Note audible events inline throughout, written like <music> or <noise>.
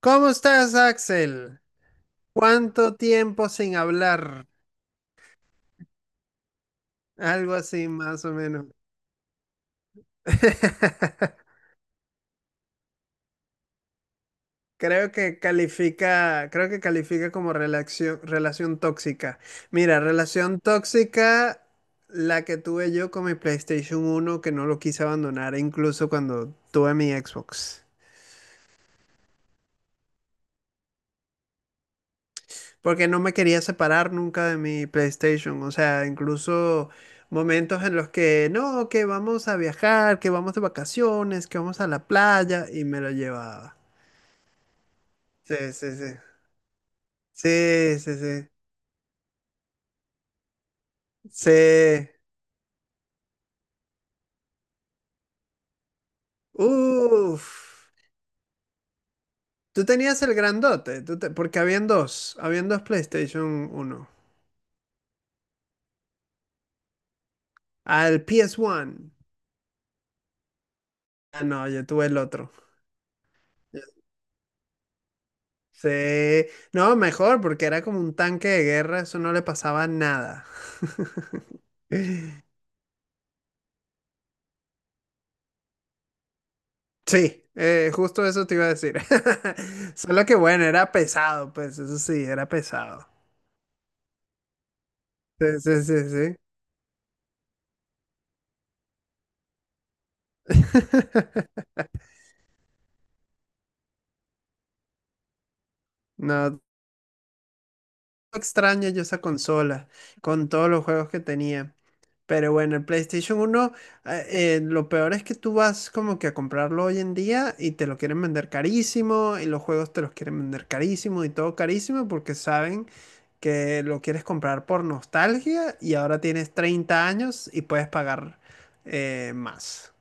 ¿Cómo estás, Axel? ¿Cuánto tiempo sin hablar? Algo así, más o menos. <laughs> Creo que califica como relación tóxica. Mira, relación tóxica, la que tuve yo con mi PlayStation uno que no lo quise abandonar, incluso cuando tuve mi Xbox. Porque no me quería separar nunca de mi PlayStation. O sea, incluso momentos en los que, no, que vamos a viajar, que vamos de vacaciones, que vamos a la playa, y me lo llevaba. Sí, sí, sí. Sí, sí, sí. Sí. Uf. Tú tenías el grandote, porque habían dos PlayStation 1. Al PS1. Ah, no, yo tuve el otro. Yo- Sí, no, mejor, porque era como un tanque de guerra, eso no le pasaba nada. <laughs> Sí, justo eso te iba a decir. <laughs> Solo que bueno, era pesado, pues eso sí, era pesado. Sí, sí, sí, sí. <laughs> No, extraña yo esa consola con todos los juegos que tenía. Pero bueno, el PlayStation uno lo peor es que tú vas como que a comprarlo hoy en día y te lo quieren vender carísimo y los juegos te los quieren vender carísimo y todo carísimo porque saben que lo quieres comprar por nostalgia y ahora tienes 30 años y puedes pagar más.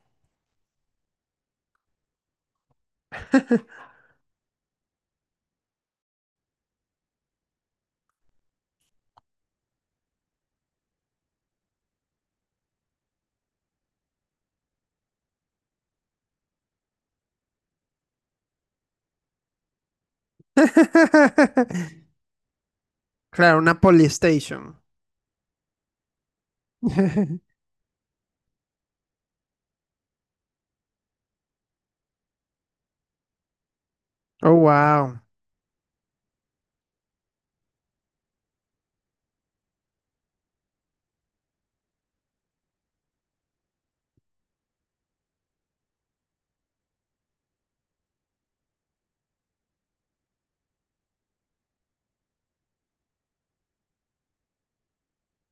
<laughs> Claro, una Polystation. <laughs> Oh, wow.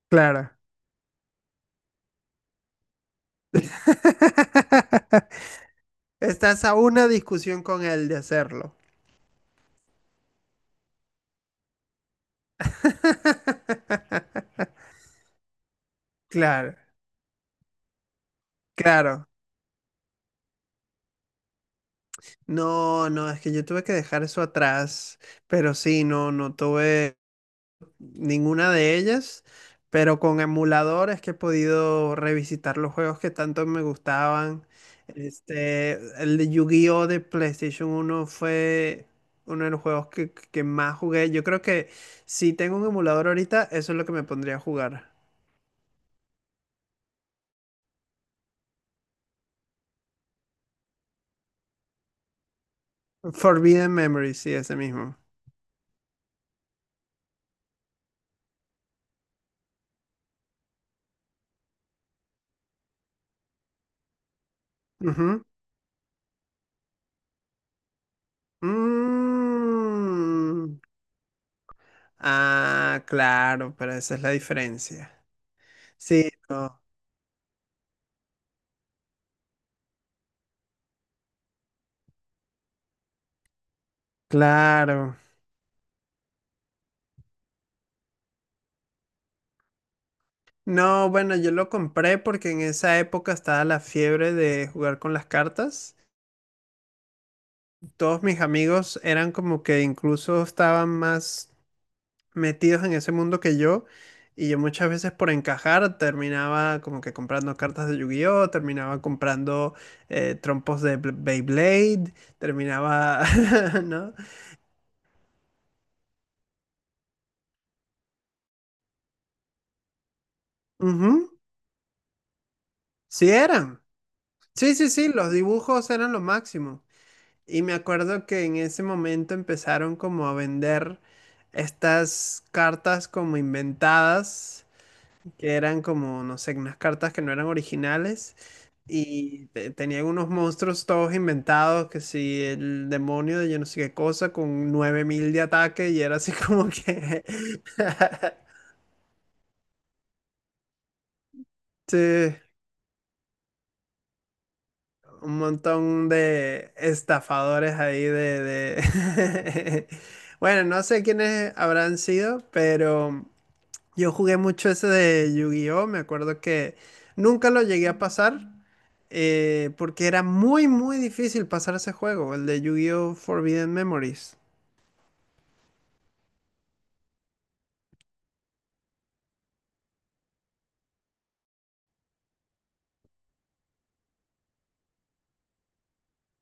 Claro. <laughs> Estás a una discusión con él de hacerlo. <laughs> Claro, claro. No, no, es que yo tuve que dejar eso atrás, pero sí, no, no tuve ninguna de ellas, pero con emulador es que he podido revisitar los juegos que tanto me gustaban. Este, el de Yu-Gi-Oh! De PlayStation uno fue uno de los juegos que más jugué. Yo creo que si tengo un emulador ahorita, eso es lo que me pondría a jugar. Forbidden Memory, sí, ese mismo. Ujú. Mm. Ah, claro, pero esa es la diferencia. Sí, no, claro. No, bueno, yo lo compré porque en esa época estaba la fiebre de jugar con las cartas. Todos mis amigos eran como que incluso estaban más metidos en ese mundo que yo. Y yo muchas veces por encajar terminaba como que comprando cartas de Yu-Gi-Oh, terminaba comprando trompos de Beyblade, terminaba, <laughs> ¿no? Ujú, sí eran. Sí, sí, sí, los dibujos eran lo máximo. Y me acuerdo que en ese momento empezaron como a vender estas cartas como inventadas, que eran como, no sé, unas cartas que no eran originales. Y tenían unos monstruos todos inventados, que si el demonio de yo no sé qué cosa, con 9000 de ataque, y era así como que... <laughs> Sí, un montón de estafadores ahí de... <laughs> Bueno, no sé quiénes habrán sido, pero yo jugué mucho ese de Yu-Gi-Oh! Me acuerdo que nunca lo llegué a pasar, porque era muy, muy difícil pasar ese juego, el de Yu-Gi-Oh! Forbidden Memories.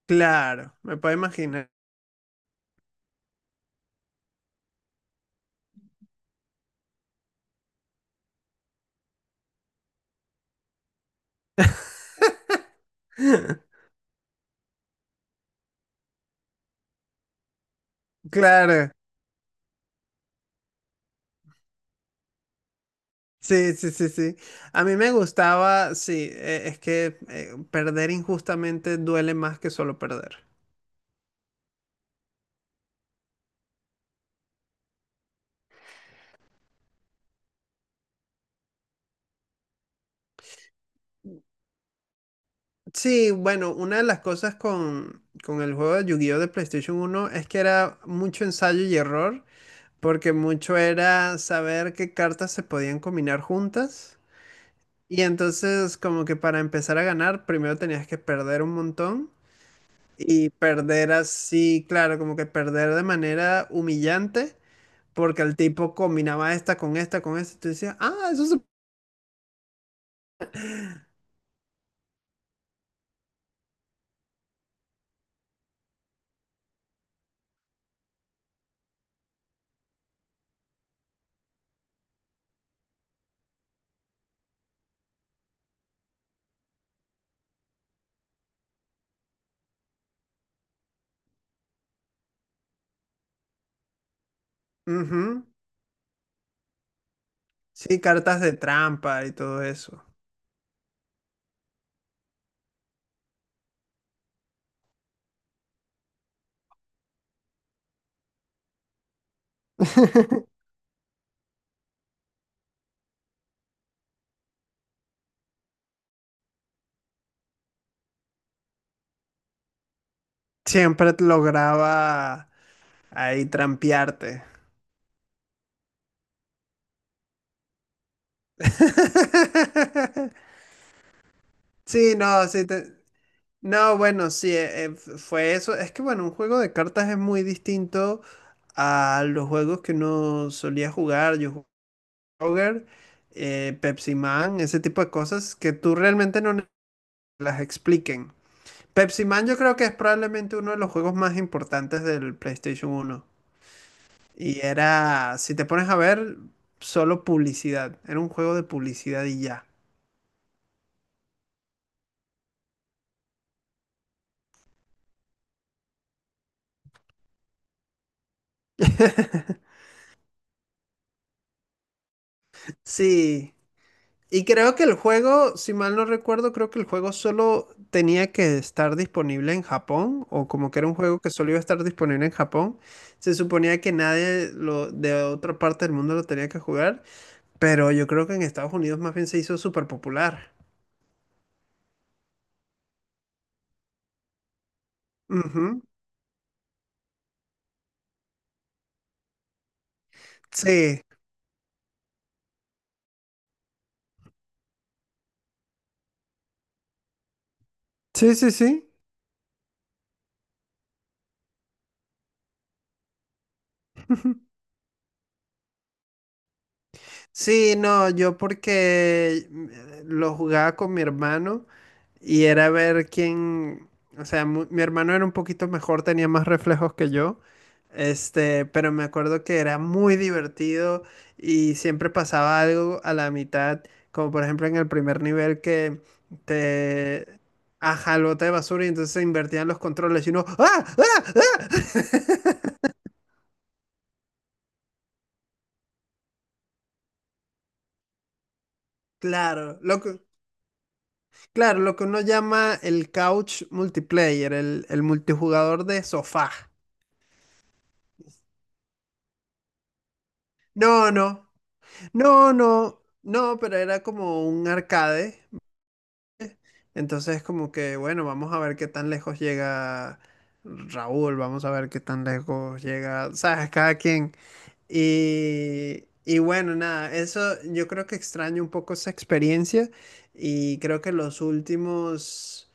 Claro, me puedo imaginar. <laughs> Claro, sí, sí, sí, sí. A mí me gustaba, sí, es que perder injustamente duele más que solo perder. Sí, bueno, una de las cosas con el juego de Yu-Gi-Oh! De PlayStation uno es que era mucho ensayo y error, porque mucho era saber qué cartas se podían combinar juntas. Y entonces, como que para empezar a ganar, primero tenías que perder un montón. Y perder así, claro, como que perder de manera humillante, porque el tipo combinaba esta con esta, con esta, y tú decías, ah, eso se... ujú". Sí, cartas de trampa y todo eso. <laughs> Siempre te lograba ahí trampearte. <laughs> Sí, no, sí, no, bueno, sí, fue eso. Es que, bueno, un juego de cartas es muy distinto a los juegos que uno solía jugar. Yo Kroger, Pepsi Man, ese tipo de cosas que tú realmente no las expliquen. Pepsi Man yo creo que es probablemente uno de los juegos más importantes del PlayStation uno. Y era, si te pones a ver, solo publicidad. Era un juego de publicidad y ya. <laughs> Sí. Y creo que el juego, si mal no recuerdo, creo que el juego solo tenía que estar disponible en Japón, o como que era un juego que solo iba a estar disponible en Japón. Se suponía que nadie lo, de otra parte del mundo lo tenía que jugar, pero yo creo que en Estados Unidos más bien se hizo súper popular. Ujú. Sí, sí, sí, sí. <laughs> Sí, no, yo porque lo jugaba con mi hermano. Y era ver quién, o sea, mi hermano era un poquito mejor, tenía más reflejos que yo, este, pero me acuerdo que era muy divertido y siempre pasaba algo a la mitad, como por ejemplo en el primer nivel que te ajá, el bote de basura y entonces se invertían los controles y uno, ¡ah! ¡Ah! ¡Ah! Claro, lo que, claro, lo que uno llama el couch multiplayer, el multijugador de sofá. No, no, no, no, no, pero era como un arcade. Entonces como que, bueno, vamos a ver qué tan lejos llega Raúl, vamos a ver qué tan lejos llega, sabes, cada quien. Y bueno, nada, eso yo creo que extraño un poco esa experiencia y creo que los últimos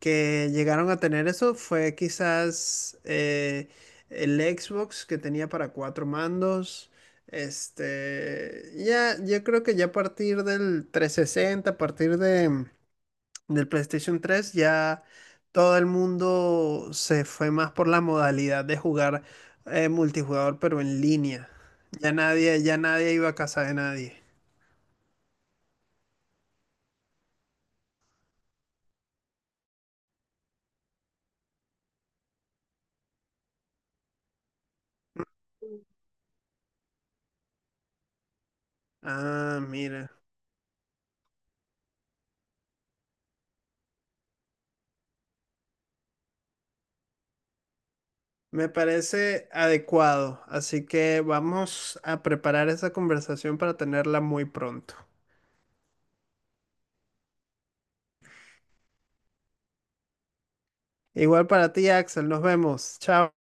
que llegaron a tener eso fue quizás el Xbox que tenía para cuatro mandos. Este, ya, yo creo que ya a partir del 360, del PlayStation 3, ya todo el mundo se fue más por la modalidad de jugar multijugador, pero en línea. Ya nadie iba a casa de nadie. Ah, mira. Me parece adecuado, así que vamos a preparar esa conversación para tenerla muy pronto. Igual para ti, Axel, nos vemos. Chao.